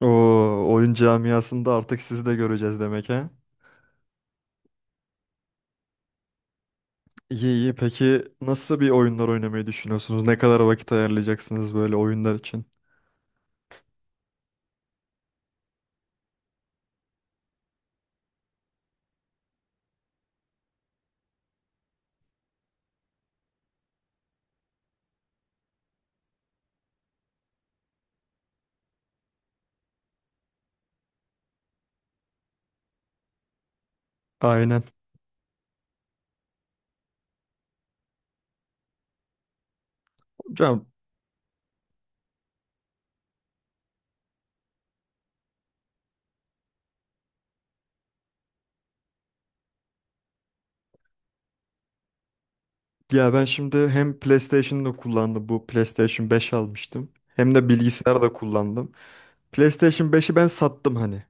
Oo, oyun camiasında artık sizi de göreceğiz demek ha. İyi iyi. Peki nasıl bir oyunlar oynamayı düşünüyorsunuz? Ne kadar vakit ayarlayacaksınız böyle oyunlar için? Aynen. Hocam ya ben şimdi hem PlayStation'da kullandım. Bu PlayStation 5 almıştım. Hem de bilgisayar da kullandım. PlayStation 5'i ben sattım hani.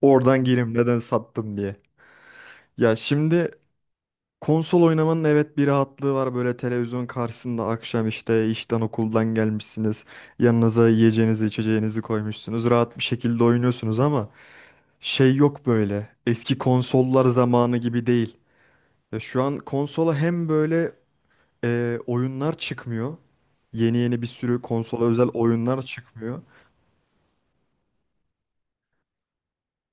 Oradan gireyim neden sattım diye. Ya şimdi, konsol oynamanın evet bir rahatlığı var böyle televizyon karşısında akşam işte işten okuldan gelmişsiniz. Yanınıza yiyeceğinizi içeceğinizi koymuşsunuz. Rahat bir şekilde oynuyorsunuz ama şey yok böyle. Eski konsollar zamanı gibi değil. Ya şu an konsola hem böyle oyunlar çıkmıyor. Yeni yeni bir sürü konsola özel oyunlar çıkmıyor.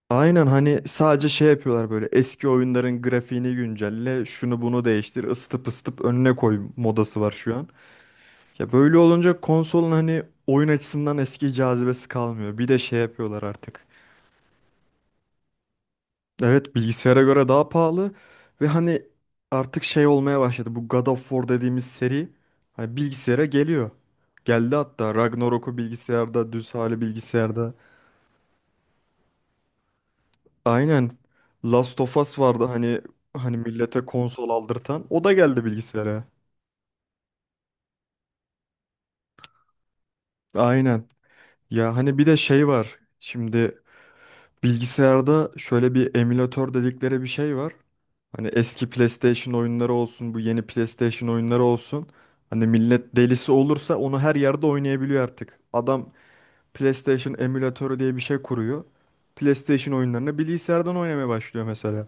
Aynen, hani sadece şey yapıyorlar böyle eski oyunların grafiğini güncelle, şunu bunu değiştir, ısıtıp ısıtıp önüne koy modası var şu an. Ya böyle olunca konsolun hani oyun açısından eski cazibesi kalmıyor. Bir de şey yapıyorlar artık. Evet, bilgisayara göre daha pahalı ve hani artık şey olmaya başladı. Bu God of War dediğimiz seri hani bilgisayara geliyor. Geldi hatta, Ragnarok'u bilgisayarda, düz hali bilgisayarda. Aynen. Last of Us vardı hani millete konsol aldırtan. O da geldi bilgisayara. Aynen. Ya hani bir de şey var. Şimdi bilgisayarda şöyle bir emülatör dedikleri bir şey var. Hani eski PlayStation oyunları olsun, bu yeni PlayStation oyunları olsun. Hani millet delisi olursa onu her yerde oynayabiliyor artık. Adam PlayStation emülatörü diye bir şey kuruyor. PlayStation oyunlarını bilgisayardan oynamaya başlıyor mesela.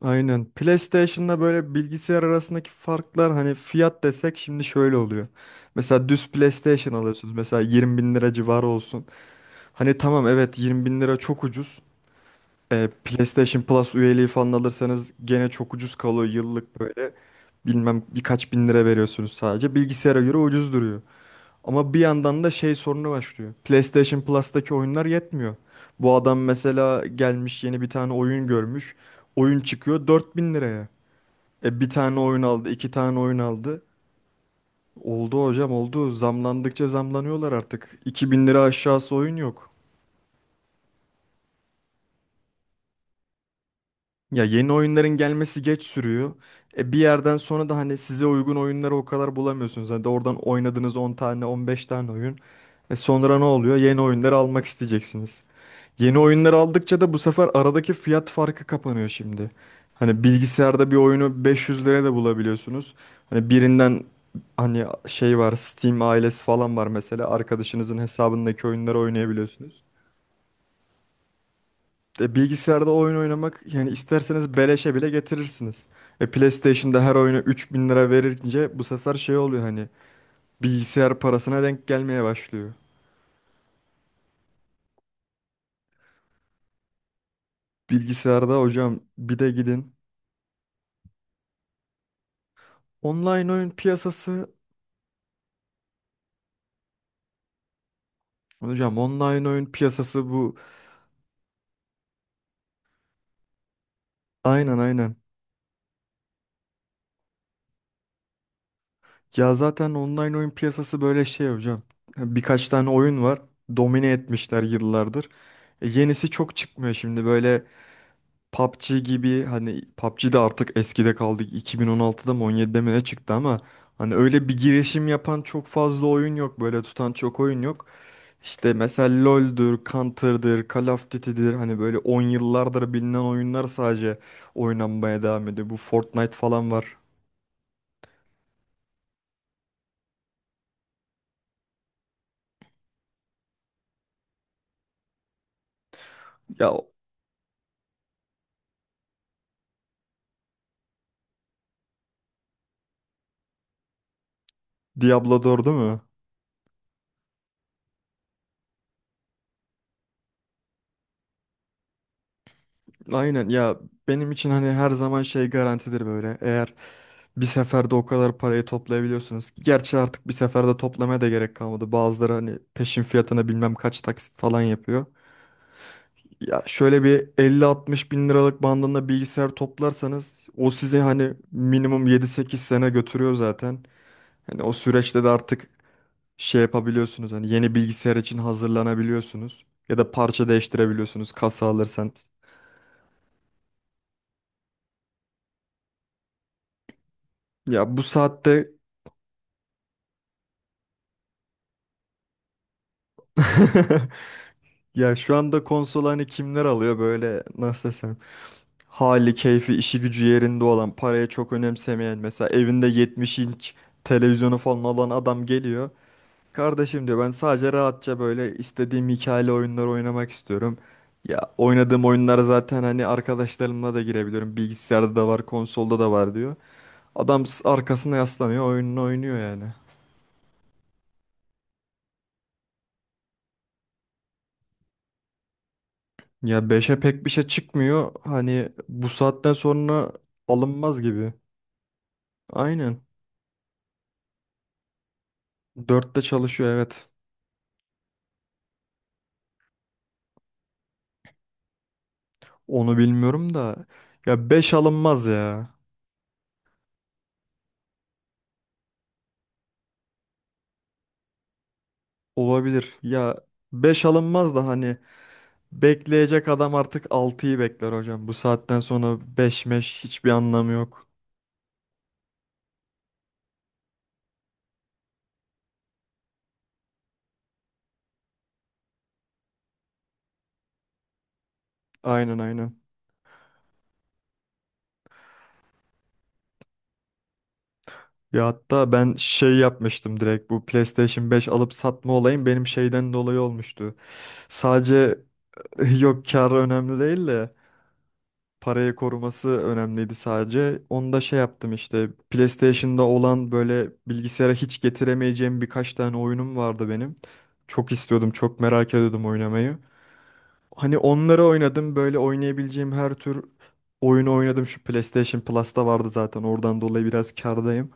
Aynen. PlayStation'la böyle bilgisayar arasındaki farklar hani fiyat desek şimdi şöyle oluyor. Mesela düz PlayStation alıyorsunuz. Mesela 20 bin lira civarı olsun. Hani tamam, evet 20 bin lira çok ucuz. E, PlayStation Plus üyeliği falan alırsanız gene çok ucuz kalıyor yıllık böyle. Bilmem birkaç bin lira veriyorsunuz sadece. Bilgisayara göre ucuz duruyor. Ama bir yandan da şey sorunu başlıyor. PlayStation Plus'taki oyunlar yetmiyor. Bu adam mesela gelmiş yeni bir tane oyun görmüş. Oyun çıkıyor 4000 liraya. E bir tane oyun aldı, iki tane oyun aldı. Oldu hocam, oldu. Zamlandıkça zamlanıyorlar artık. İki bin lira aşağısı oyun yok. Ya yeni oyunların gelmesi geç sürüyor. E bir yerden sonra da hani size uygun oyunları o kadar bulamıyorsunuz. Hani de oradan oynadığınız 10 tane, 15 tane oyun. E sonra ne oluyor? Yeni oyunları almak isteyeceksiniz. Yeni oyunları aldıkça da bu sefer aradaki fiyat farkı kapanıyor şimdi. Hani bilgisayarda bir oyunu 500 liraya da bulabiliyorsunuz. Hani birinden hani şey var, Steam ailesi falan var mesela. Arkadaşınızın hesabındaki oyunları oynayabiliyorsunuz. E, bilgisayarda oyun oynamak yani isterseniz beleşe bile getirirsiniz. E PlayStation'da her oyuna 3000 lira verince bu sefer şey oluyor hani bilgisayar parasına denk gelmeye başlıyor. Bilgisayarda hocam bir de gidin. Online oyun piyasası hocam, online oyun piyasası bu. Aynen aynen. Ya zaten online oyun piyasası böyle şey hocam. E, birkaç tane oyun var. Domine etmişler yıllardır. E, yenisi çok çıkmıyor şimdi, böyle PUBG gibi. Hani PUBG de artık eskide kaldı. 2016'da mı 17'de mi ne çıktı ama hani öyle bir girişim yapan çok fazla oyun yok. Böyle tutan çok oyun yok. İşte mesela LoL'dür, Counter'dır, Call of Duty'dir. Hani böyle 10 yıllardır bilinen oyunlar sadece oynanmaya devam ediyor. Bu Fortnite falan var. Ya Diablo 4'ü mü? Aynen ya, benim için hani her zaman şey garantidir böyle. Eğer bir seferde o kadar parayı toplayabiliyorsunuz ki. Gerçi artık bir seferde toplamaya da gerek kalmadı. Bazıları hani peşin fiyatına bilmem kaç taksit falan yapıyor. Ya şöyle bir 50-60 bin liralık bandında bilgisayar toplarsanız o sizi hani minimum yedi sekiz sene götürüyor zaten. Hani o süreçte de artık şey yapabiliyorsunuz. Hani yeni bilgisayar için hazırlanabiliyorsunuz. Ya da parça değiştirebiliyorsunuz kasa alırsanız. Ya bu saatte ya şu anda konsol hani kimler alıyor böyle, nasıl desem, hali keyfi işi gücü yerinde olan, parayı çok önemsemeyen, mesela evinde 70 inç televizyonu falan olan adam geliyor. Kardeşim diyor, ben sadece rahatça böyle istediğim hikayeli oyunlar oynamak istiyorum. Ya oynadığım oyunlar zaten hani arkadaşlarımla da girebiliyorum. Bilgisayarda da var, konsolda da var diyor. Adam arkasına yaslanıyor, oyununu oynuyor yani. Ya beşe pek bir şey çıkmıyor. Hani bu saatten sonra alınmaz gibi. Aynen. Dörtte çalışıyor, evet. Onu bilmiyorum da, ya 5 alınmaz ya. Olabilir. Ya 5 alınmaz da hani bekleyecek adam artık altıyı bekler hocam. Bu saatten sonra 5 meş hiçbir anlamı yok. Aynen aynen. Ya hatta ben şey yapmıştım, direkt bu PlayStation 5 alıp satma olayım benim şeyden dolayı olmuştu. Sadece yok kar önemli değil de parayı koruması önemliydi sadece. Onu da şey yaptım işte, PlayStation'da olan böyle bilgisayara hiç getiremeyeceğim birkaç tane oyunum vardı benim. Çok istiyordum, çok merak ediyordum oynamayı. Hani onları oynadım, böyle oynayabileceğim her tür oyunu oynadım. Şu PlayStation Plus'ta vardı zaten, oradan dolayı biraz kârdayım.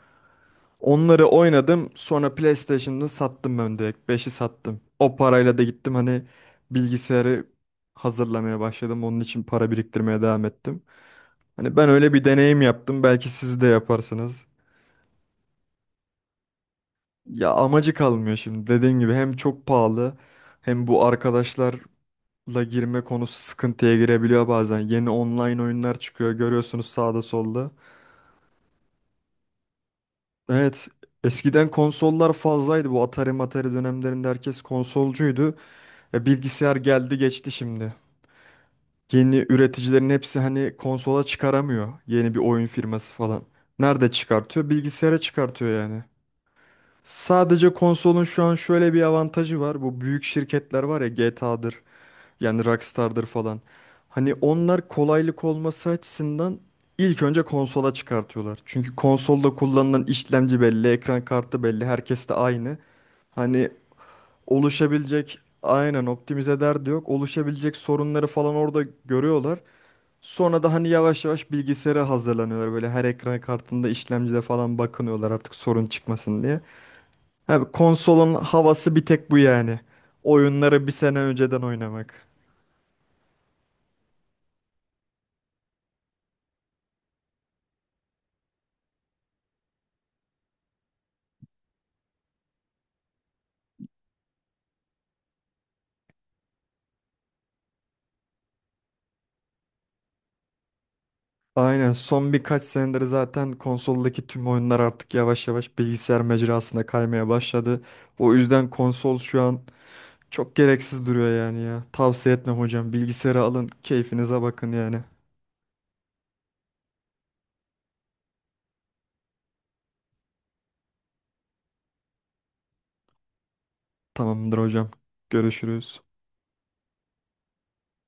Onları oynadım, sonra PlayStation'ı sattım ben, direkt 5'i sattım. O parayla da gittim hani bilgisayarı hazırlamaya başladım. Onun için para biriktirmeye devam ettim. Hani ben öyle bir deneyim yaptım. Belki siz de yaparsınız. Ya amacı kalmıyor şimdi. Dediğim gibi, hem çok pahalı, hem bu arkadaşlarla girme konusu sıkıntıya girebiliyor bazen. Yeni online oyunlar çıkıyor, görüyorsunuz sağda solda. Evet, eskiden konsollar fazlaydı. Bu Atari Matari dönemlerinde herkes konsolcuydu. E, bilgisayar geldi geçti şimdi. Yeni üreticilerin hepsi hani konsola çıkaramıyor. Yeni bir oyun firması falan. Nerede çıkartıyor? Bilgisayara çıkartıyor yani. Sadece konsolun şu an şöyle bir avantajı var. Bu büyük şirketler var ya, GTA'dır yani, Rockstar'dır falan. Hani onlar kolaylık olması açısından ilk önce konsola çıkartıyorlar. Çünkü konsolda kullanılan işlemci belli, ekran kartı belli, herkes de aynı. Hani oluşabilecek, aynen optimize derdi yok. Oluşabilecek sorunları falan orada görüyorlar. Sonra da hani yavaş yavaş bilgisayara hazırlanıyorlar. Böyle her ekran kartında, işlemcide falan bakınıyorlar artık sorun çıkmasın diye. Abi konsolun havası bir tek bu yani. Oyunları bir sene önceden oynamak. Aynen, son birkaç senedir zaten konsoldaki tüm oyunlar artık yavaş yavaş bilgisayar mecrasına kaymaya başladı. O yüzden konsol şu an çok gereksiz duruyor yani ya. Tavsiye etmem hocam. Bilgisayarı alın, keyfinize bakın yani. Tamamdır hocam. Görüşürüz.